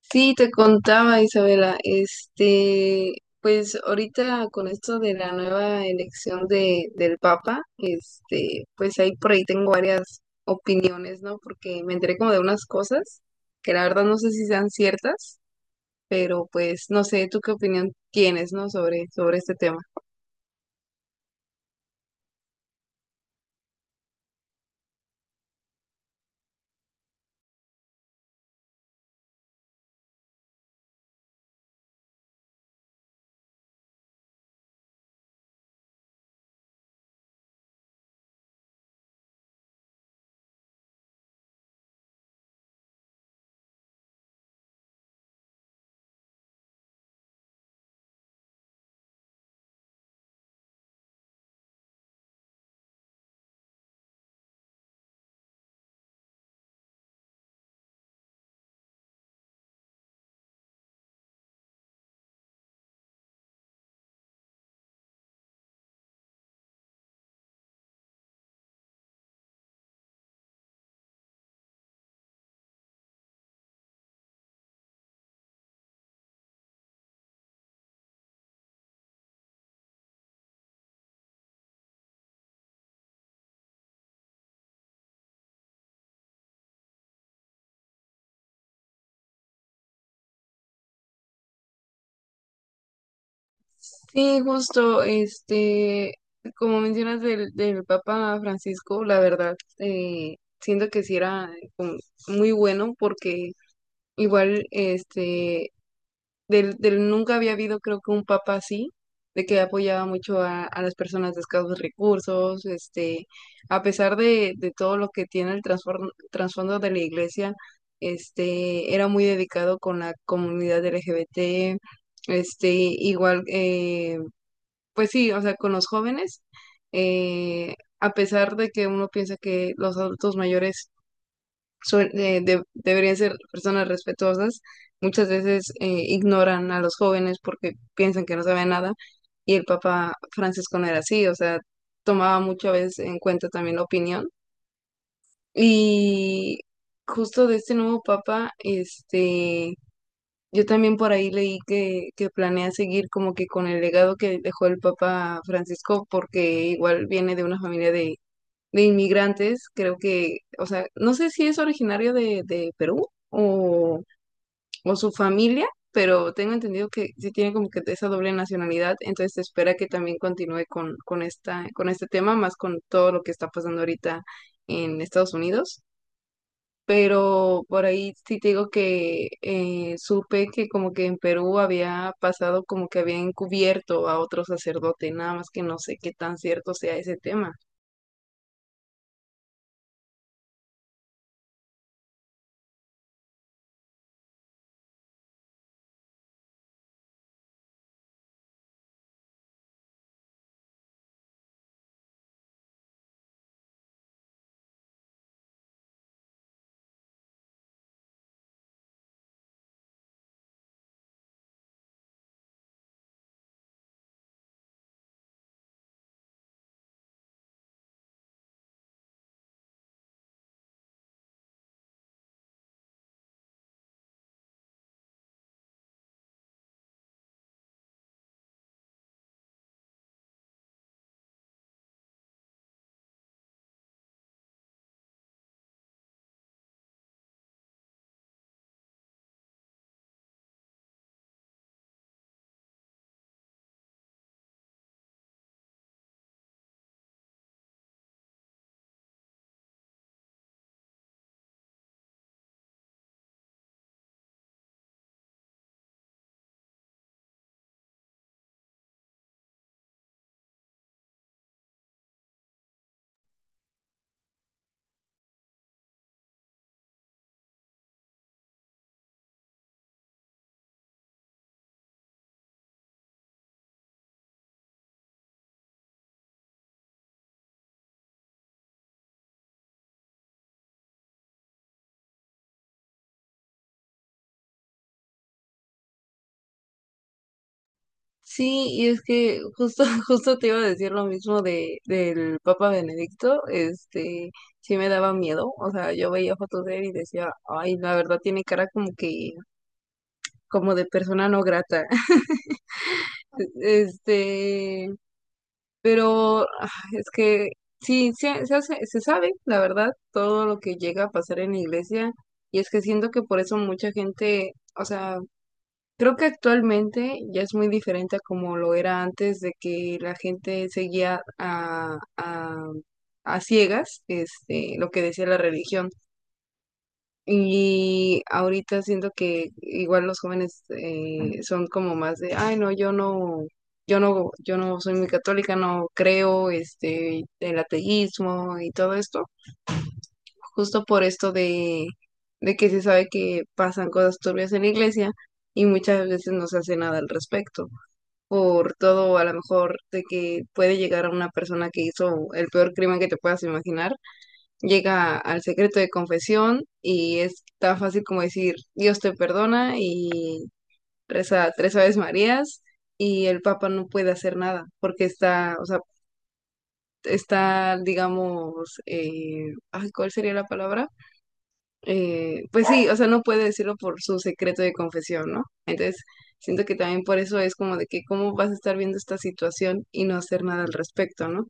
Sí, te contaba Isabela, pues ahorita con esto de la nueva elección del Papa, pues ahí por ahí tengo varias opiniones, ¿no? Porque me enteré como de unas cosas que la verdad no sé si sean ciertas, pero pues no sé, ¿tú qué opinión tienes, ¿no? Sobre este tema. Sí, justo, como mencionas del Papa Francisco, la verdad, siento que sí era como muy bueno porque igual, del nunca había habido creo que un papa así, de que apoyaba mucho a las personas de escasos recursos, a pesar de todo lo que tiene el trasfondo de la iglesia, este, era muy dedicado con la comunidad LGBT, este, igual, eh, pues sí, o sea, con los jóvenes, a pesar de que uno piensa que los adultos mayores deberían ser personas respetuosas, muchas veces ignoran a los jóvenes porque piensan que no saben nada. Y el Papa Francisco no era así, o sea, tomaba muchas veces en cuenta también la opinión. Y justo de este nuevo Papa, yo también por ahí leí que planea seguir como que con el legado que dejó el Papa Francisco, porque igual viene de una familia de inmigrantes, creo que, o sea, no sé si es originario de Perú o su familia, pero tengo entendido que sí tiene como que esa doble nacionalidad, entonces se espera que también continúe con esta, con este tema, más con todo lo que está pasando ahorita en Estados Unidos. Pero por ahí sí te digo que supe que como que en Perú había pasado como que había encubierto a otro sacerdote, nada más que no sé qué tan cierto sea ese tema. Sí, y es que justo, justo te iba a decir lo mismo del Papa Benedicto, sí me daba miedo, o sea, yo veía fotos de él y decía, ay, la verdad tiene cara como que, como de persona no grata, este, pero ah, es que sí, se hace, se sabe, la verdad, todo lo que llega a pasar en la iglesia, y es que siento que por eso mucha gente, o sea, creo que actualmente ya es muy diferente a como lo era antes de que la gente seguía a ciegas, lo que decía la religión. Y ahorita siento que igual los jóvenes son como más de, ay, no, yo no soy muy católica, no creo, el ateísmo y todo esto, justo por esto de que se sabe que pasan cosas turbias en la iglesia y muchas veces no se hace nada al respecto por todo a lo mejor de que puede llegar a una persona que hizo el peor crimen que te puedas imaginar, llega al secreto de confesión y es tan fácil como decir Dios te perdona y reza tres Aves Marías y el Papa no puede hacer nada porque está, o sea, está, digamos, ay, ¿cuál sería la palabra? Pues sí, o sea, no puede decirlo por su secreto de confesión, ¿no? Entonces, siento que también por eso es como de que cómo vas a estar viendo esta situación y no hacer nada al respecto, ¿no?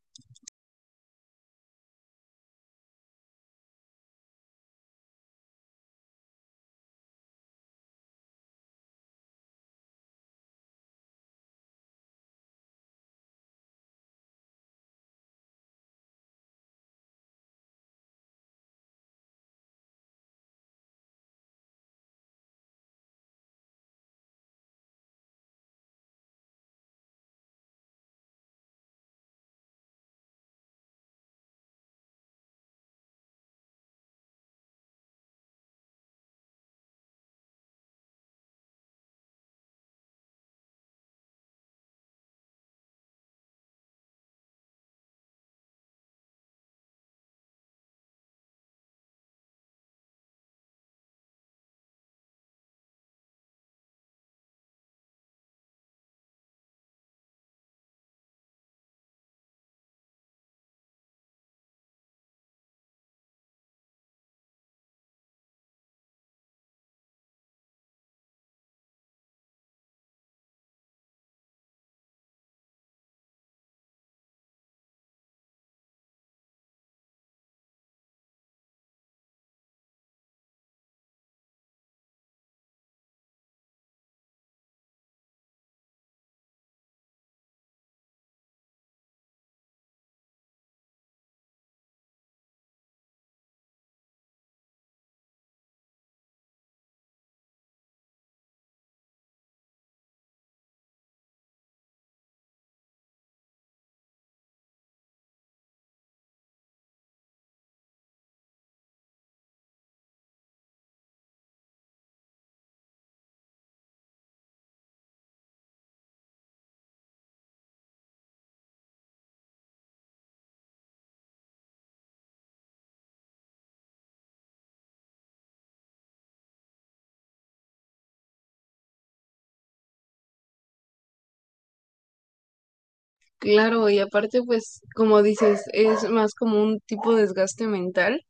Claro, y aparte, pues, como dices, es más como un tipo de desgaste mental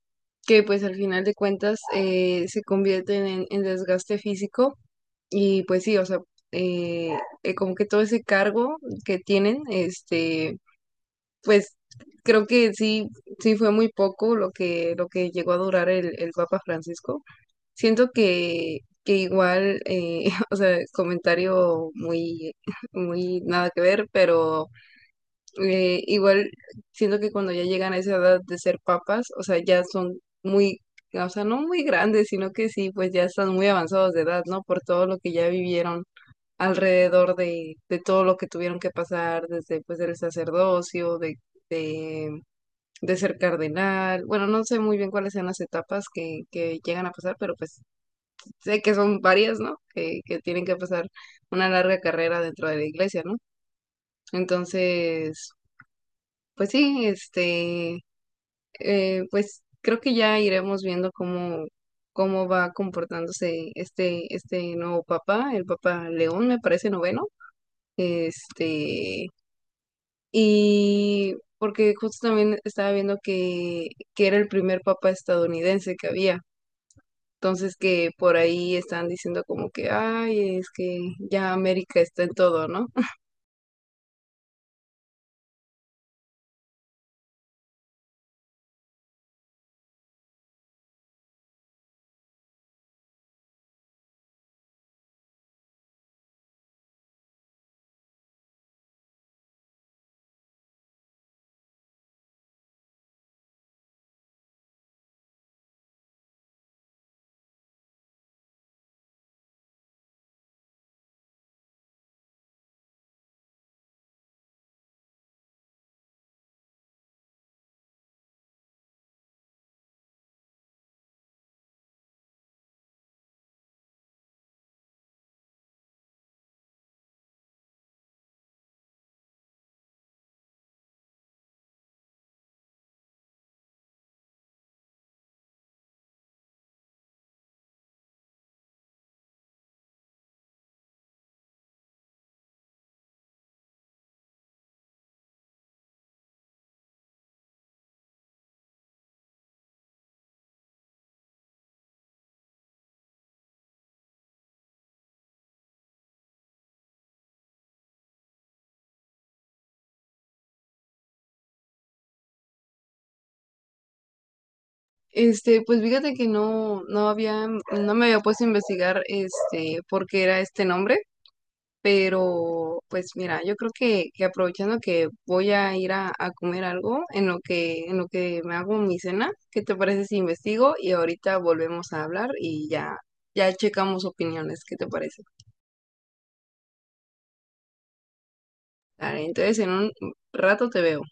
que pues al final de cuentas se convierten en desgaste físico y pues sí, o sea, eh, como que todo ese cargo que tienen, pues creo que sí, sí fue muy poco lo que llegó a durar el Papa Francisco. Siento que igual, o sea, comentario muy, muy nada que ver, pero igual siento que cuando ya llegan a esa edad de ser papas, o sea, ya son muy, o sea, no muy grandes, sino que sí, pues ya están muy avanzados de edad, ¿no? Por todo lo que ya vivieron alrededor de todo lo que tuvieron que pasar desde pues el sacerdocio, de de ser cardenal. Bueno, no sé muy bien cuáles sean las etapas que llegan a pasar, pero pues sé que son varias, ¿no? Que tienen que pasar una larga carrera dentro de la iglesia, ¿no? Entonces, pues sí, pues creo que ya iremos viendo cómo, cómo va comportándose este nuevo papa, el papa León, me parece noveno. Este, y porque justo también estaba viendo que era el primer papa estadounidense que había. Entonces que por ahí están diciendo como que, ay, es que ya América está en todo, ¿no? Pues fíjate que no, no había, no me había puesto a investigar por qué era este nombre, pero pues mira, yo creo que aprovechando que voy a ir a comer algo en lo que me hago mi cena, ¿qué te parece si investigo? Y ahorita volvemos a hablar y ya, ya checamos opiniones, ¿qué te parece? Dale, entonces en un rato te veo.